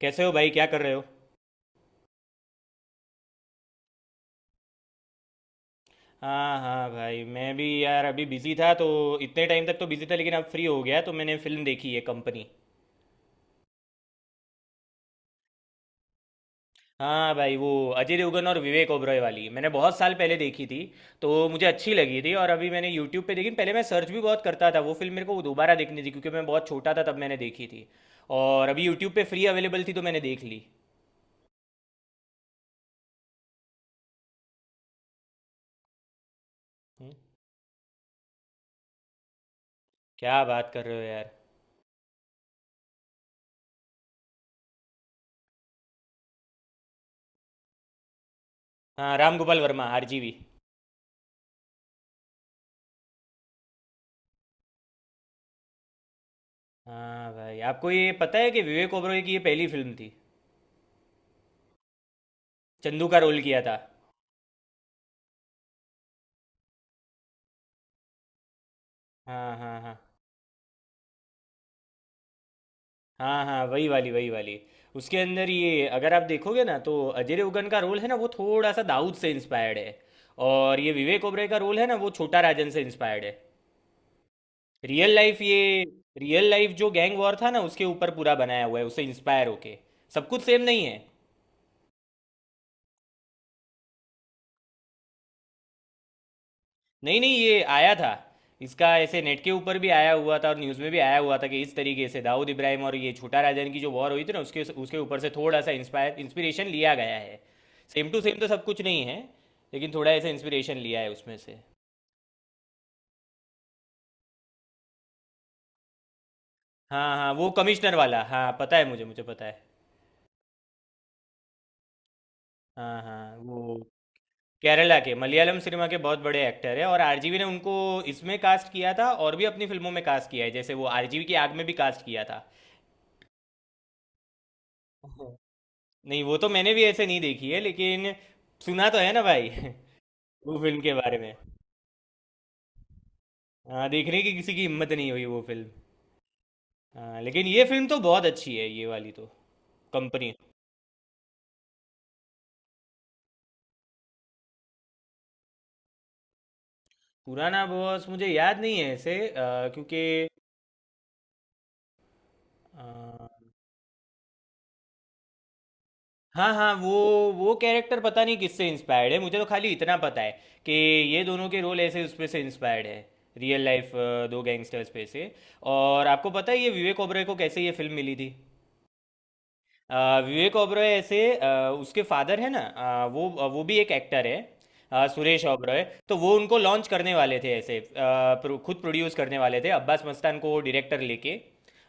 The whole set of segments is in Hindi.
कैसे हो भाई? क्या कर रहे हो? हाँ हाँ भाई, मैं भी यार अभी बिजी था तो इतने टाइम तक तो बिजी था, लेकिन अब फ्री हो गया तो मैंने फिल्म देखी है, कंपनी। हाँ भाई, वो अजय देवगन और विवेक ओबरॉय वाली मैंने बहुत साल पहले देखी थी, तो मुझे अच्छी लगी थी। और अभी मैंने यूट्यूब पे देखी। पहले मैं सर्च भी बहुत करता था, वो फिल्म मेरे को दोबारा देखनी थी क्योंकि मैं बहुत छोटा था तब मैंने देखी थी। और अभी यूट्यूब पे फ्री अवेलेबल थी तो मैंने देख ली। हम्म, क्या बात कर रहे हो यार? हाँ, राम गोपाल वर्मा, आरजीवी। हाँ भाई, आपको ये पता है कि विवेक ओबरॉय की ये पहली फिल्म थी? चंदू का रोल किया था। हाँ हाँ हाँ, हाँ हाँ वही वाली, वही वाली। उसके अंदर, ये अगर आप देखोगे ना, तो अजय देवगन का रोल है ना, वो थोड़ा सा दाऊद से इंस्पायर्ड है। और ये विवेक ओबराय का रोल है ना, वो छोटा राजन से इंस्पायर्ड है। रियल लाइफ ये। रियल लाइफ जो गैंग वॉर था ना, उसके ऊपर पूरा बनाया हुआ है, उससे इंस्पायर होके। सब कुछ सेम नहीं है। नहीं नहीं, ये आया था। इसका ऐसे नेट के ऊपर भी आया हुआ था, और न्यूज़ में भी आया हुआ था कि इस तरीके से दाऊद इब्राहिम और ये छोटा राजन की जो वॉर हुई थी ना, उसके उसके ऊपर से थोड़ा सा इंस्पायर इंस्पिरेशन लिया गया है। सेम टू सेम तो सब कुछ नहीं है। लेकिन थोड़ा ऐसे इंस्पिरेशन लिया है उसमें से। हाँ हाँ, वो कमिश्नर वाला। हाँ पता है, मुझे मुझे पता है। हाँ हाँ वो। केरला के मलयालम सिनेमा के बहुत बड़े एक्टर है, और आरजीवी ने उनको इसमें कास्ट किया था, और भी अपनी फिल्मों में कास्ट किया है, जैसे वो आरजीवी की आग में भी कास्ट किया था। नहीं, वो तो मैंने भी ऐसे नहीं देखी है, लेकिन सुना तो है ना भाई। वो फिल्म के बारे में। हाँ, देखने की किसी की हिम्मत नहीं हुई वो फिल्म। हाँ, लेकिन ये फिल्म तो बहुत अच्छी है, ये वाली तो, कंपनी। पुराना बॉस मुझे याद नहीं है ऐसे, क्योंकि अ, हाँ हाँ, वो कैरेक्टर पता नहीं किससे इंस्पायर्ड है। मुझे तो खाली इतना पता है कि ये दोनों के रोल ऐसे उसमें से इंस्पायर्ड है, रियल लाइफ दो गैंगस्टर्स पे से। और आपको पता है ये विवेक ओबराय को कैसे ये फिल्म मिली थी? अ, विवेक ओबरॉय ऐसे, उसके फादर है ना, वो भी एक एक्टर है, सुरेश ओबरॉय। तो वो उनको लॉन्च करने वाले थे ऐसे, खुद प्रोड्यूस करने वाले थे, अब्बास मस्तान को डायरेक्टर लेके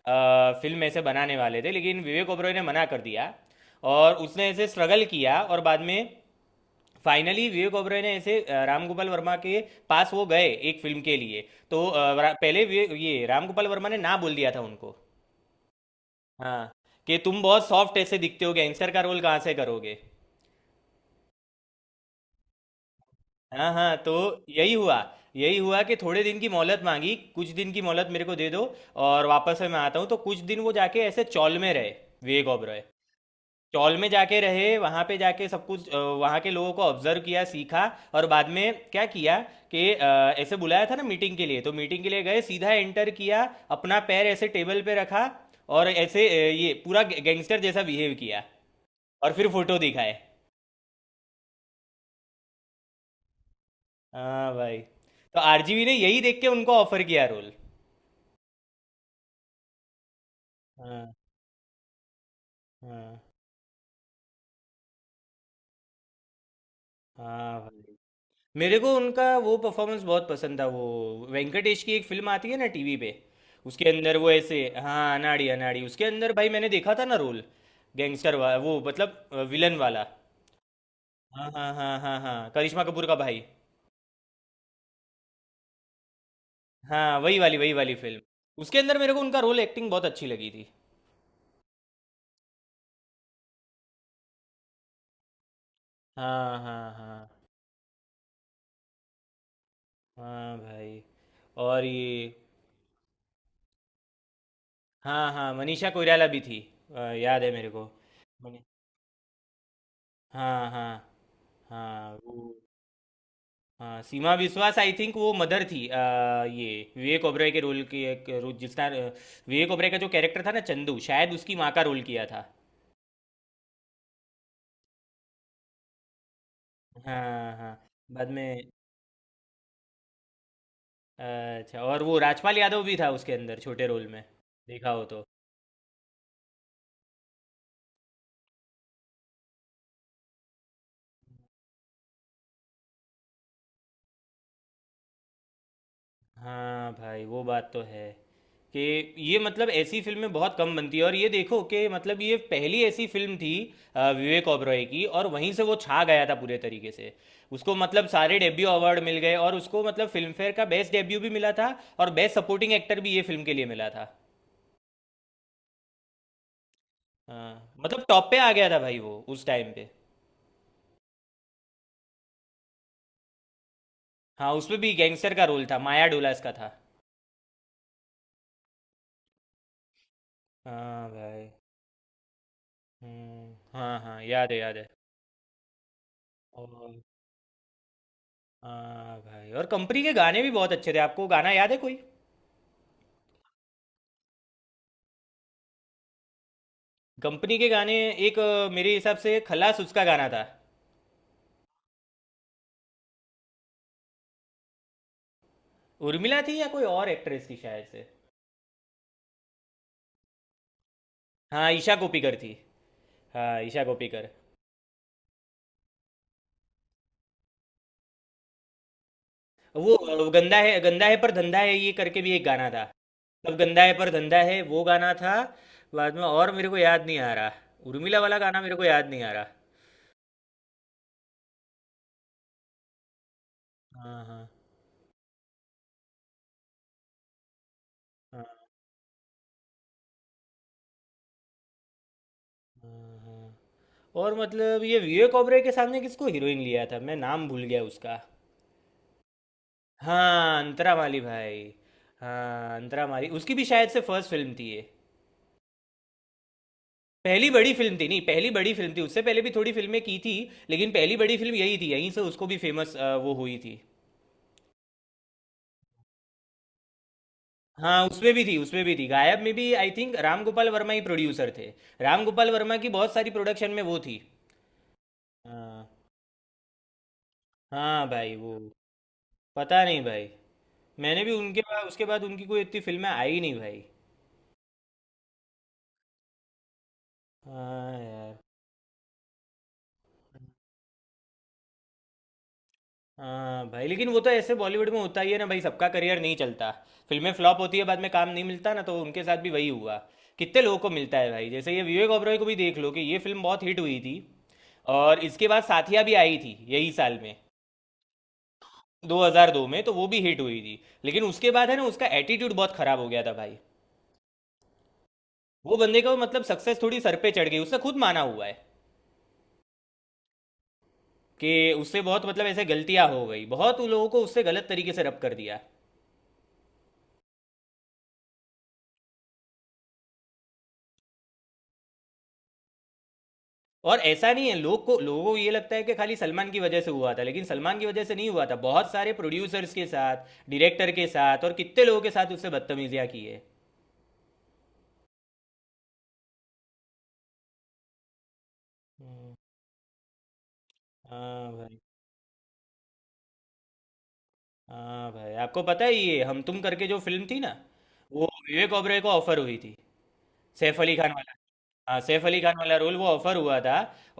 फिल्म ऐसे बनाने वाले थे, लेकिन विवेक ओबरॉय ने मना कर दिया। और उसने ऐसे स्ट्रगल किया, और बाद में फाइनली विवेक ओबरॉय ने ऐसे राम गोपाल वर्मा के पास वो गए एक फिल्म के लिए, तो पहले ये राम गोपाल वर्मा ने ना बोल दिया था उनको। हाँ, कि तुम बहुत सॉफ्ट ऐसे दिखते हो, गैंगस्टर का रोल कहाँ से करोगे? हाँ हाँ, तो यही हुआ। यही हुआ कि थोड़े दिन की मोहलत मांगी, कुछ दिन की मोहलत मेरे को दे दो, और वापस से मैं आता हूँ। तो कुछ दिन वो जाके ऐसे चौल में रहे, विवेक ओबरॉय। चौल में जाके रहे, वहाँ पे जाके सब कुछ वहाँ के लोगों को ऑब्जर्व किया, सीखा। और बाद में क्या किया, कि ऐसे बुलाया था ना मीटिंग के लिए, तो मीटिंग के लिए गए, सीधा एंटर किया। अपना पैर ऐसे टेबल पे रखा, और ऐसे ये पूरा गैंगस्टर जैसा बिहेव किया, और फिर फोटो दिखाए। हाँ भाई। तो आरजीवी ने यही देख के उनको ऑफर किया रोल। हाँ हाँ हाँ भाई। मेरे को उनका वो परफॉर्मेंस बहुत पसंद था, वो वेंकटेश की एक फिल्म आती है ना टीवी पे, उसके अंदर वो ऐसे। हाँ, अनाड़ी अनाड़ी, उसके अंदर भाई मैंने देखा था ना रोल, गैंगस्टर वाला, वो मतलब विलन वाला। हाँ हाँ हाँ हाँ हाँ, करिश्मा कपूर का भाई। हाँ, वही वाली, वही वाली फिल्म। उसके अंदर मेरे को उनका रोल, एक्टिंग बहुत अच्छी लगी थी। हाँ हाँ हाँ हाँ भाई। और ये, हाँ हाँ मनीषा कोइराला भी थी, याद है मेरे को। मनी हाँ हाँ हाँ वो। हाँ, सीमा विश्वास आई थिंक वो मदर थी। ये विवेक ओबराय के रोल के रोल जिसका, विवेक ओबराय का जो कैरेक्टर था ना, चंदू, शायद उसकी माँ का रोल किया था। हाँ हाँ, बाद में। अच्छा, और वो राजपाल यादव भी था उसके अंदर छोटे रोल में, देखा हो तो। हाँ भाई, वो बात तो है कि ये मतलब ऐसी फिल्में बहुत कम बनती है, और ये देखो कि मतलब ये पहली ऐसी फिल्म थी विवेक ओबरॉय की, और वहीं से वो छा गया था पूरे तरीके से। उसको मतलब सारे डेब्यू अवार्ड मिल गए, और उसको मतलब फिल्म फेयर का बेस्ट डेब्यू भी मिला था, और बेस्ट सपोर्टिंग एक्टर भी ये फिल्म के लिए मिला था। हाँ मतलब टॉप पे आ गया था भाई वो उस टाइम पे। हाँ, उसमें भी गैंगस्टर का रोल था, माया डोलास का था। हाँ भाई। हम्म, हाँ हाँ, याद है, याद है। और, हाँ भाई, और कंपनी के गाने भी बहुत अच्छे थे। आपको गाना याद है कोई? कंपनी के गाने, एक मेरे हिसाब से खलास उसका गाना था। उर्मिला थी या कोई और एक्ट्रेस थी शायद से। हाँ, ईशा कोप्पिकर थी। हाँ, ईशा कोप्पिकर। वो गंदा है पर धंधा है, ये करके भी एक गाना था। सब गंदा है पर धंधा है, वो गाना था। बाद में और मेरे को याद नहीं आ रहा, उर्मिला वाला गाना मेरे को याद नहीं आ रहा। हाँ हाँ हाँ हाँ हाँ। और मतलब ये विवेक ओबरे के सामने किसको हीरोइन लिया था, मैं नाम भूल गया उसका। हाँ, अंतरामाली भाई। हाँ, अंतरामाली उसकी भी शायद से फर्स्ट फ़िल्म थी ये। पहली बड़ी फ़िल्म थी, नहीं, पहली बड़ी फ़िल्म थी। उससे पहले भी थोड़ी फ़िल्में की थी, लेकिन पहली बड़ी फ़िल्म यही थी। यहीं से उसको भी फ़ेमस वो हुई थी। हाँ, उसमें भी थी, उसमें भी थी। गायब में भी आई थिंक राम गोपाल वर्मा ही प्रोड्यूसर थे। राम गोपाल वर्मा की बहुत सारी प्रोडक्शन में वो थी। हाँ, हाँ भाई वो। पता नहीं भाई। मैंने भी उनके बाद, उसके बाद उनकी कोई इतनी फ़िल्में आई नहीं भाई। हाँ यार। हाँ भाई, लेकिन वो तो ऐसे बॉलीवुड में होता ही है ना भाई, सबका करियर नहीं चलता। फिल्में फ्लॉप होती है, बाद में काम नहीं मिलता ना, तो उनके साथ भी वही हुआ। कितने लोगों को मिलता है भाई, जैसे ये विवेक ओबरॉय को भी देख लो, कि ये फिल्म बहुत हिट हुई थी, और इसके बाद साथिया भी आई थी यही साल में, 2002 में, तो वो भी हिट हुई थी। लेकिन उसके बाद है ना, उसका एटीट्यूड बहुत खराब हो गया था भाई। वो बंदे का मतलब सक्सेस थोड़ी सर पे चढ़ गई, उसने खुद माना हुआ है कि उससे बहुत मतलब ऐसे गलतियां हो गई, बहुत उन लोगों को उससे गलत तरीके से रब कर दिया। और ऐसा नहीं है, लोगों को ये लगता है कि खाली सलमान की वजह से हुआ था, लेकिन सलमान की वजह से नहीं हुआ था। बहुत सारे प्रोड्यूसर्स के साथ, डायरेक्टर के साथ और कितने लोगों के साथ उससे बदतमीजियाँ की है। हाँ भाई। हाँ भाई, आपको पता है ये हम तुम करके जो फिल्म थी ना, वो विवेक ओबरॉय को ऑफर हुई थी, सैफ अली खान वाला। हाँ, सैफ अली खान वाला रोल वो ऑफर हुआ था,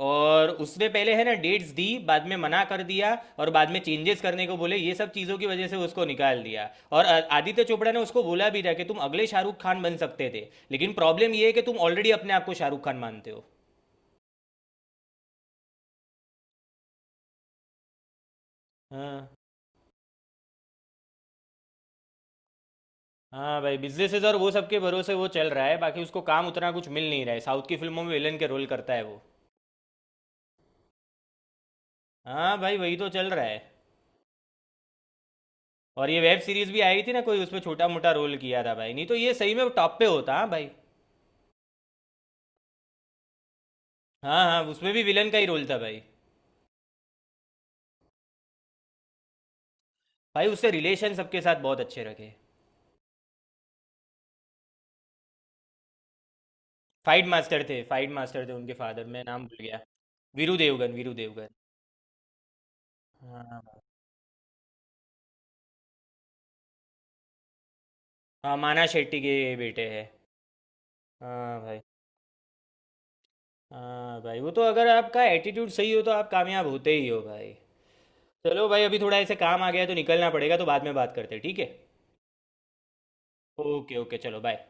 और उसने पहले है ना डेट्स दी, बाद में मना कर दिया, और बाद में चेंजेस करने को बोले, ये सब चीज़ों की वजह से उसको निकाल दिया। और आदित्य चोपड़ा ने उसको बोला भी था कि तुम अगले शाहरुख खान बन सकते थे, लेकिन प्रॉब्लम ये है कि तुम ऑलरेडी अपने आप को शाहरुख खान मानते हो। हाँ। हाँ भाई, बिजनेसेस और वो सब के भरोसे वो चल रहा है, बाकी उसको काम उतना कुछ मिल नहीं रहा है, साउथ की फिल्मों में विलन के रोल करता है वो। हाँ भाई, वही तो चल रहा है। और ये वेब सीरीज भी आई थी ना कोई, उसमें छोटा मोटा रोल किया था भाई, नहीं तो ये सही में टॉप पे होता। हाँ भाई। हाँ हाँ, उसमें भी विलन का ही रोल था भाई। भाई, उससे रिलेशन सबके साथ बहुत अच्छे रखे। फाइट मास्टर थे, फाइट मास्टर थे उनके फादर, मैं नाम भूल गया। वीरू देवगन, वीरू देवगन। हाँ हाँ, माना शेट्टी के बेटे हैं। हाँ भाई। हाँ भाई वो तो, अगर आपका एटीट्यूड सही हो तो आप कामयाब होते ही हो भाई। चलो भाई, अभी थोड़ा ऐसे काम आ गया है तो निकलना पड़ेगा, तो बाद में बात करते हैं, ठीक है? ओके ओके, चलो बाय।